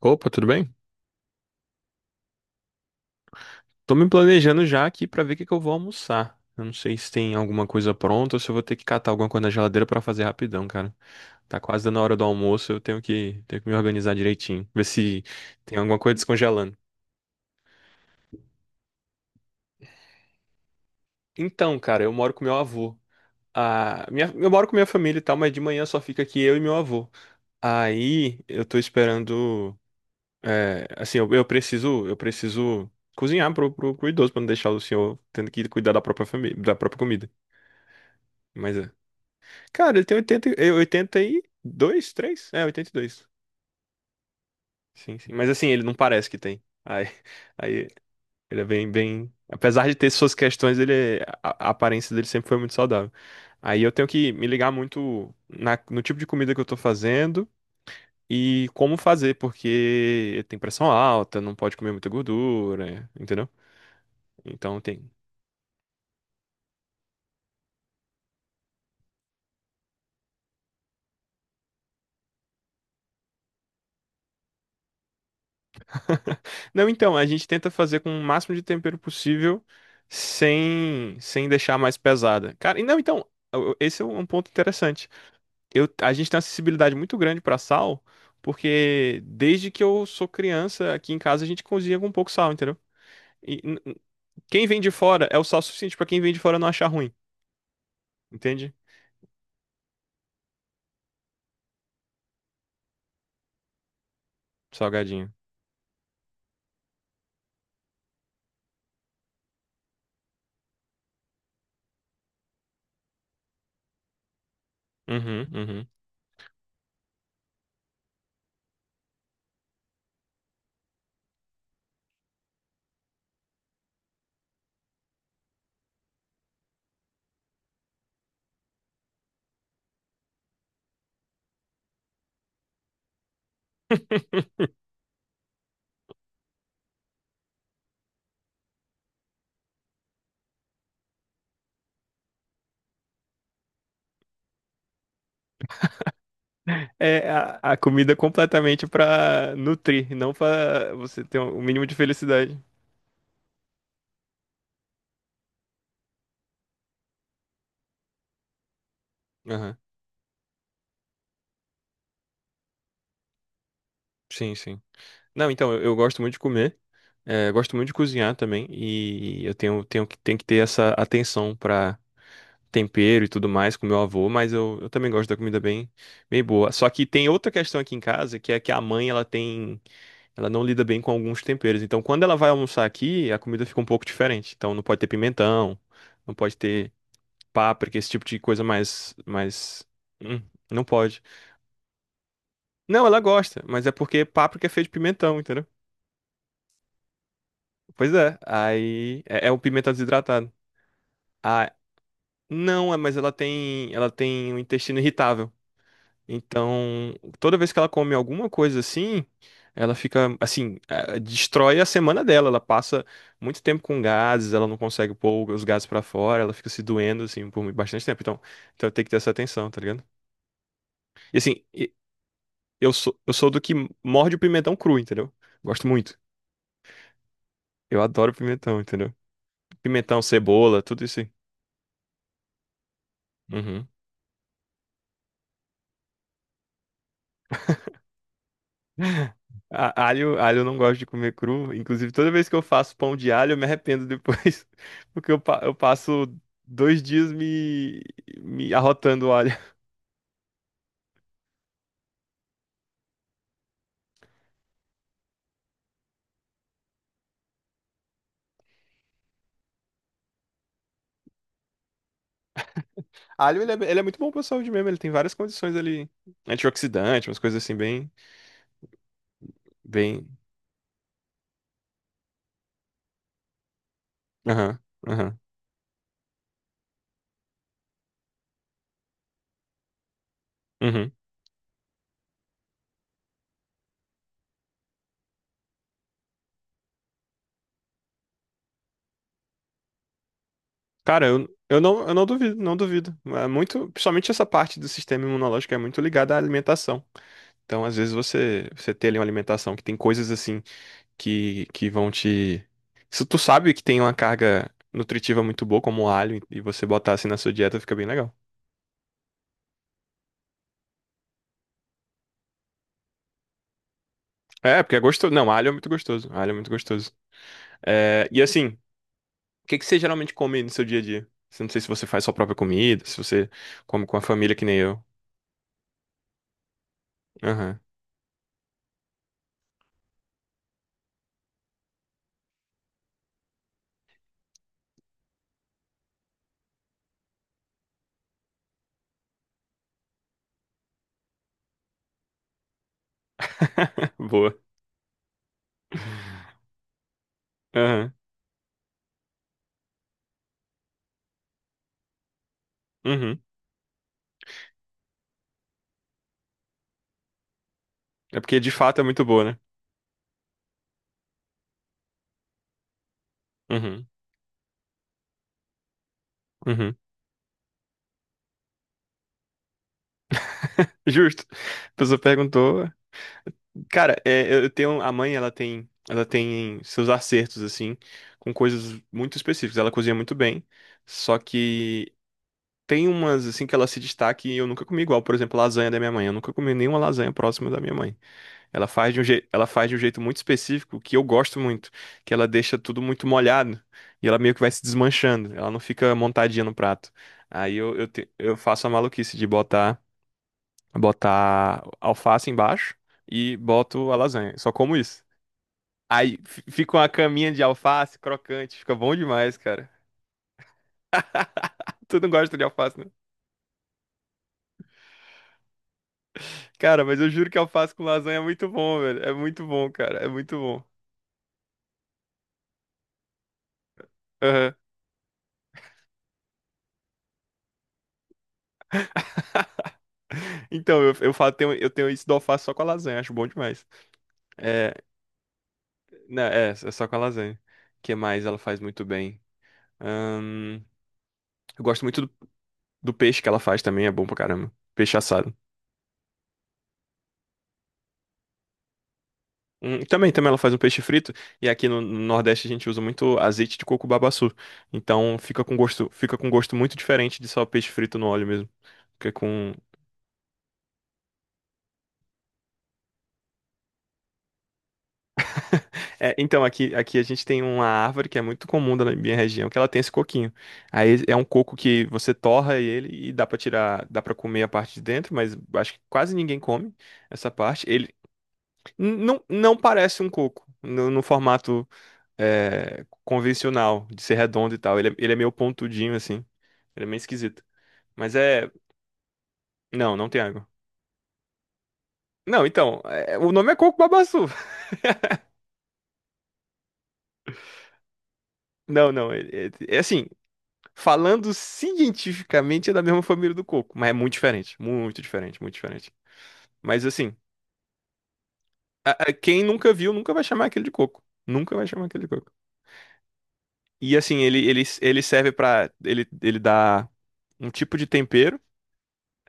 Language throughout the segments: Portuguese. Opa, tudo bem? Tô me planejando já aqui pra ver o que que eu vou almoçar. Eu não sei se tem alguma coisa pronta ou se eu vou ter que catar alguma coisa na geladeira pra fazer rapidão, cara. Tá quase dando a hora do almoço, eu tenho que me organizar direitinho, ver se tem alguma coisa descongelando. Então, cara, eu moro com meu avô. Eu moro com minha família e tal, mas de manhã só fica aqui eu e meu avô. Aí eu tô esperando. É, assim, eu preciso cozinhar pro idoso pra não deixar o senhor tendo que cuidar da própria família, da própria comida. Mas é. Cara, ele tem 82, 3, é, 82. Sim, sim. Mas assim, ele não parece que tem. Aí, aí ele é bem, bem. Apesar de ter suas questões, a aparência dele sempre foi muito saudável. Aí eu tenho que me ligar muito no tipo de comida que eu tô fazendo e como fazer, porque tem pressão alta, não pode comer muita gordura, entendeu? Então tem. Não, então, a gente tenta fazer com o máximo de tempero possível sem deixar mais pesada. Cara, e não, então, esse é um ponto interessante. A gente tem uma sensibilidade muito grande para sal, porque desde que eu sou criança, aqui em casa a gente cozinha com pouco sal, entendeu? E quem vem de fora é o sal suficiente para quem vem de fora não achar ruim, entende? Salgadinho. Uhum, uhum. É a comida completamente para nutrir, não para você ter o mínimo de felicidade. Aham. Sim, sim. Não, então, eu gosto muito de comer, gosto muito de cozinhar também, e eu tenho que ter essa atenção pra tempero e tudo mais com meu avô, mas eu também gosto da comida bem, bem boa. Só que tem outra questão aqui em casa, que é que a mãe, ela não lida bem com alguns temperos, então quando ela vai almoçar aqui, a comida fica um pouco diferente, então não pode ter pimentão, não pode ter páprica, esse tipo de coisa mais, hum, não pode. Não, ela gosta, mas é porque páprica é feito de pimentão, entendeu? Pois é, aí é o pimenta desidratado. Ah, não, é, mas ela tem um intestino irritável. Então, toda vez que ela come alguma coisa assim, ela fica assim, destrói a semana dela. Ela passa muito tempo com gases, ela não consegue pôr os gases pra fora, ela fica se doendo assim por bastante tempo. Então, tem que ter essa atenção, tá ligado? E assim, eu sou do que morde o pimentão cru, entendeu? Gosto muito. Eu adoro pimentão, entendeu? Pimentão, cebola, tudo isso aí. Uhum. Alho eu não gosto de comer cru. Inclusive, toda vez que eu faço pão de alho, eu me arrependo depois. Porque eu passo 2 dias me arrotando o alho. Alho, ele é muito bom pra saúde mesmo. Ele tem várias condições ali. Antioxidante, umas coisas assim, bem. Bem. Aham, aham, uhum. Cara, eu não duvido, não duvido. É muito, principalmente essa parte do sistema imunológico é muito ligada à alimentação. Então, às vezes, você ter ali uma alimentação que tem coisas assim que vão te. Se tu sabe que tem uma carga nutritiva muito boa, como o alho, e você botar assim na sua dieta, fica bem legal. É, porque é gostoso. Não, alho é muito gostoso. Alho é muito gostoso. É, e assim, o que que você geralmente come no seu dia a dia? Eu não sei se você faz sua própria comida, se você come com a família que nem eu. Aham. Boa. Aham. Uhum. É porque de fato é muito boa, né? Uhum. Uhum. Justo. A pessoa perguntou. Cara, é, eu tenho a mãe, ela tem seus acertos assim, com coisas muito específicas. Ela cozinha muito bem, só que tem umas assim que ela se destaca e eu nunca comi igual. Por exemplo, lasanha da minha mãe. Eu nunca comi nenhuma lasanha próxima da minha mãe. Ela faz de um jeito, ela faz de um jeito muito específico que eu gosto muito, que ela deixa tudo muito molhado e ela meio que vai se desmanchando. Ela não fica montadinha no prato. Aí eu faço a maluquice de botar, alface embaixo e boto a lasanha. Só como isso. Aí fica uma caminha de alface crocante, fica bom demais, cara. Tu não gosta de alface, né? Cara, mas eu juro que alface com lasanha é muito bom, velho. É muito bom, cara. É muito bom. Aham. Então, eu tenho isso do alface só com a lasanha, acho bom demais. É, não, é só com a lasanha. O que mais ela faz muito bem? Ahn, eu gosto muito do peixe que ela faz também, é bom pra caramba. Peixe assado. Também ela faz um peixe frito e aqui no Nordeste a gente usa muito azeite de coco babaçu. Então fica com gosto muito diferente de só peixe frito no óleo mesmo. Fica com É, então aqui a gente tem uma árvore que é muito comum da minha região, que ela tem esse coquinho. Aí é um coco que você torra ele e dá pra tirar, dá pra comer a parte de dentro, mas acho que quase ninguém come essa parte. Ele não parece um coco no formato convencional, de ser redondo e tal. Ele é meio pontudinho, assim. Ele é meio esquisito. Mas é. Não, não tem água. Não, então, é, o nome é coco babaçu. Não, não, é assim, falando cientificamente é da mesma família do coco, mas é muito diferente, muito diferente, muito diferente. Mas assim, quem nunca viu nunca vai chamar aquele de coco, nunca vai chamar aquele de coco. E assim, ele serve pra. Ele dá um tipo de tempero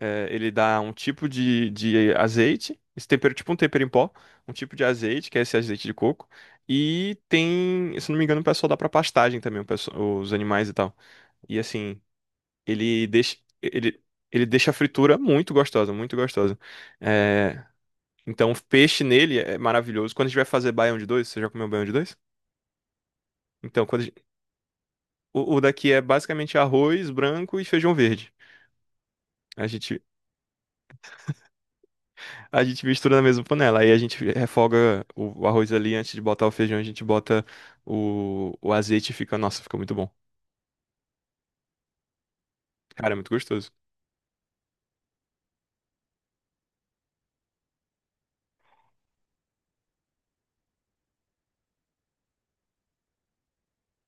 é, ele dá um tipo de azeite, esse tempero, tipo um tempero em pó, um tipo de azeite, que é esse azeite de coco, e tem, se não me engano, o pessoal dá pra pastagem também, os animais e tal. E assim, ele deixa, ele, ele deixa a fritura muito gostosa, muito gostosa. É, então, o peixe nele é maravilhoso. Quando a gente vai fazer baião de dois, você já comeu baião de dois? Então, quando o daqui é basicamente arroz branco e feijão verde. A gente A gente mistura na mesma panela. Aí a gente refoga o arroz ali antes de botar o feijão, a gente bota o azeite e fica, nossa, fica muito bom. Cara, é muito gostoso.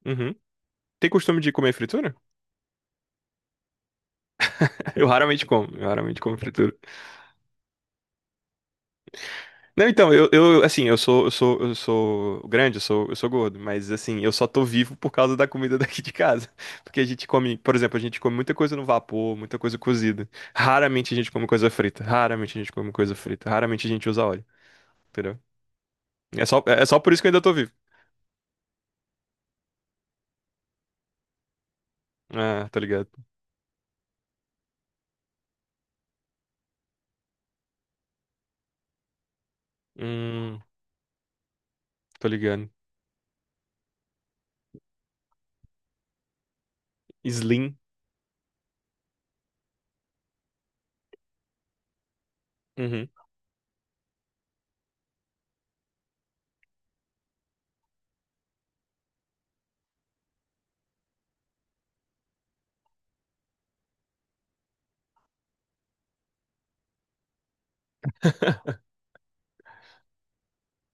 Uhum. Tem costume de comer fritura? Eu raramente como fritura. Não, então, eu assim, eu sou grande, eu sou gordo, mas assim, eu só tô vivo por causa da comida daqui de casa. Porque a gente come, por exemplo, a gente come muita coisa no vapor, muita coisa cozida. Raramente a gente come coisa frita, raramente a gente come coisa frita, raramente a gente usa óleo, entendeu? É só, por isso que eu ainda tô vivo. Ah, tô ligado. Hum, tô ligado. Slim. Uhum,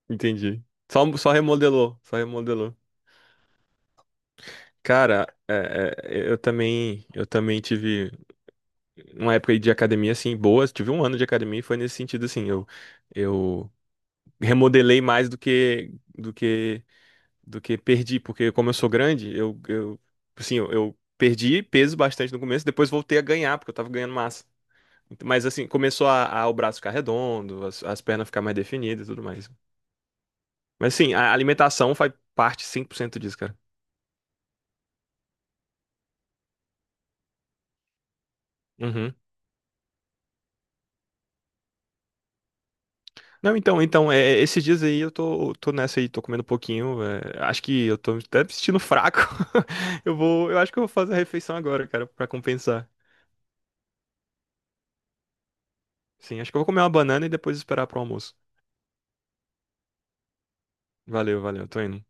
entendi. Só, remodelou, só remodelou. Cara, é, eu também tive uma época aí de academia assim boa, tive um ano de academia e foi nesse sentido assim, eu remodelei mais do que perdi, porque como eu sou grande, eu assim, eu perdi peso bastante no começo, depois voltei a ganhar porque eu tava ganhando massa. Mas assim, começou a, o braço ficar redondo, as pernas ficar mais definidas e tudo mais. Mas sim, a alimentação faz parte 100% disso, cara. Uhum. Não, então, esses dias aí eu tô nessa aí, tô comendo um pouquinho. Acho que eu tô até me sentindo fraco. Eu acho que eu vou fazer a refeição agora, cara, pra compensar. Sim, acho que eu vou comer uma banana e depois esperar pro almoço. Valeu, valeu, tô indo.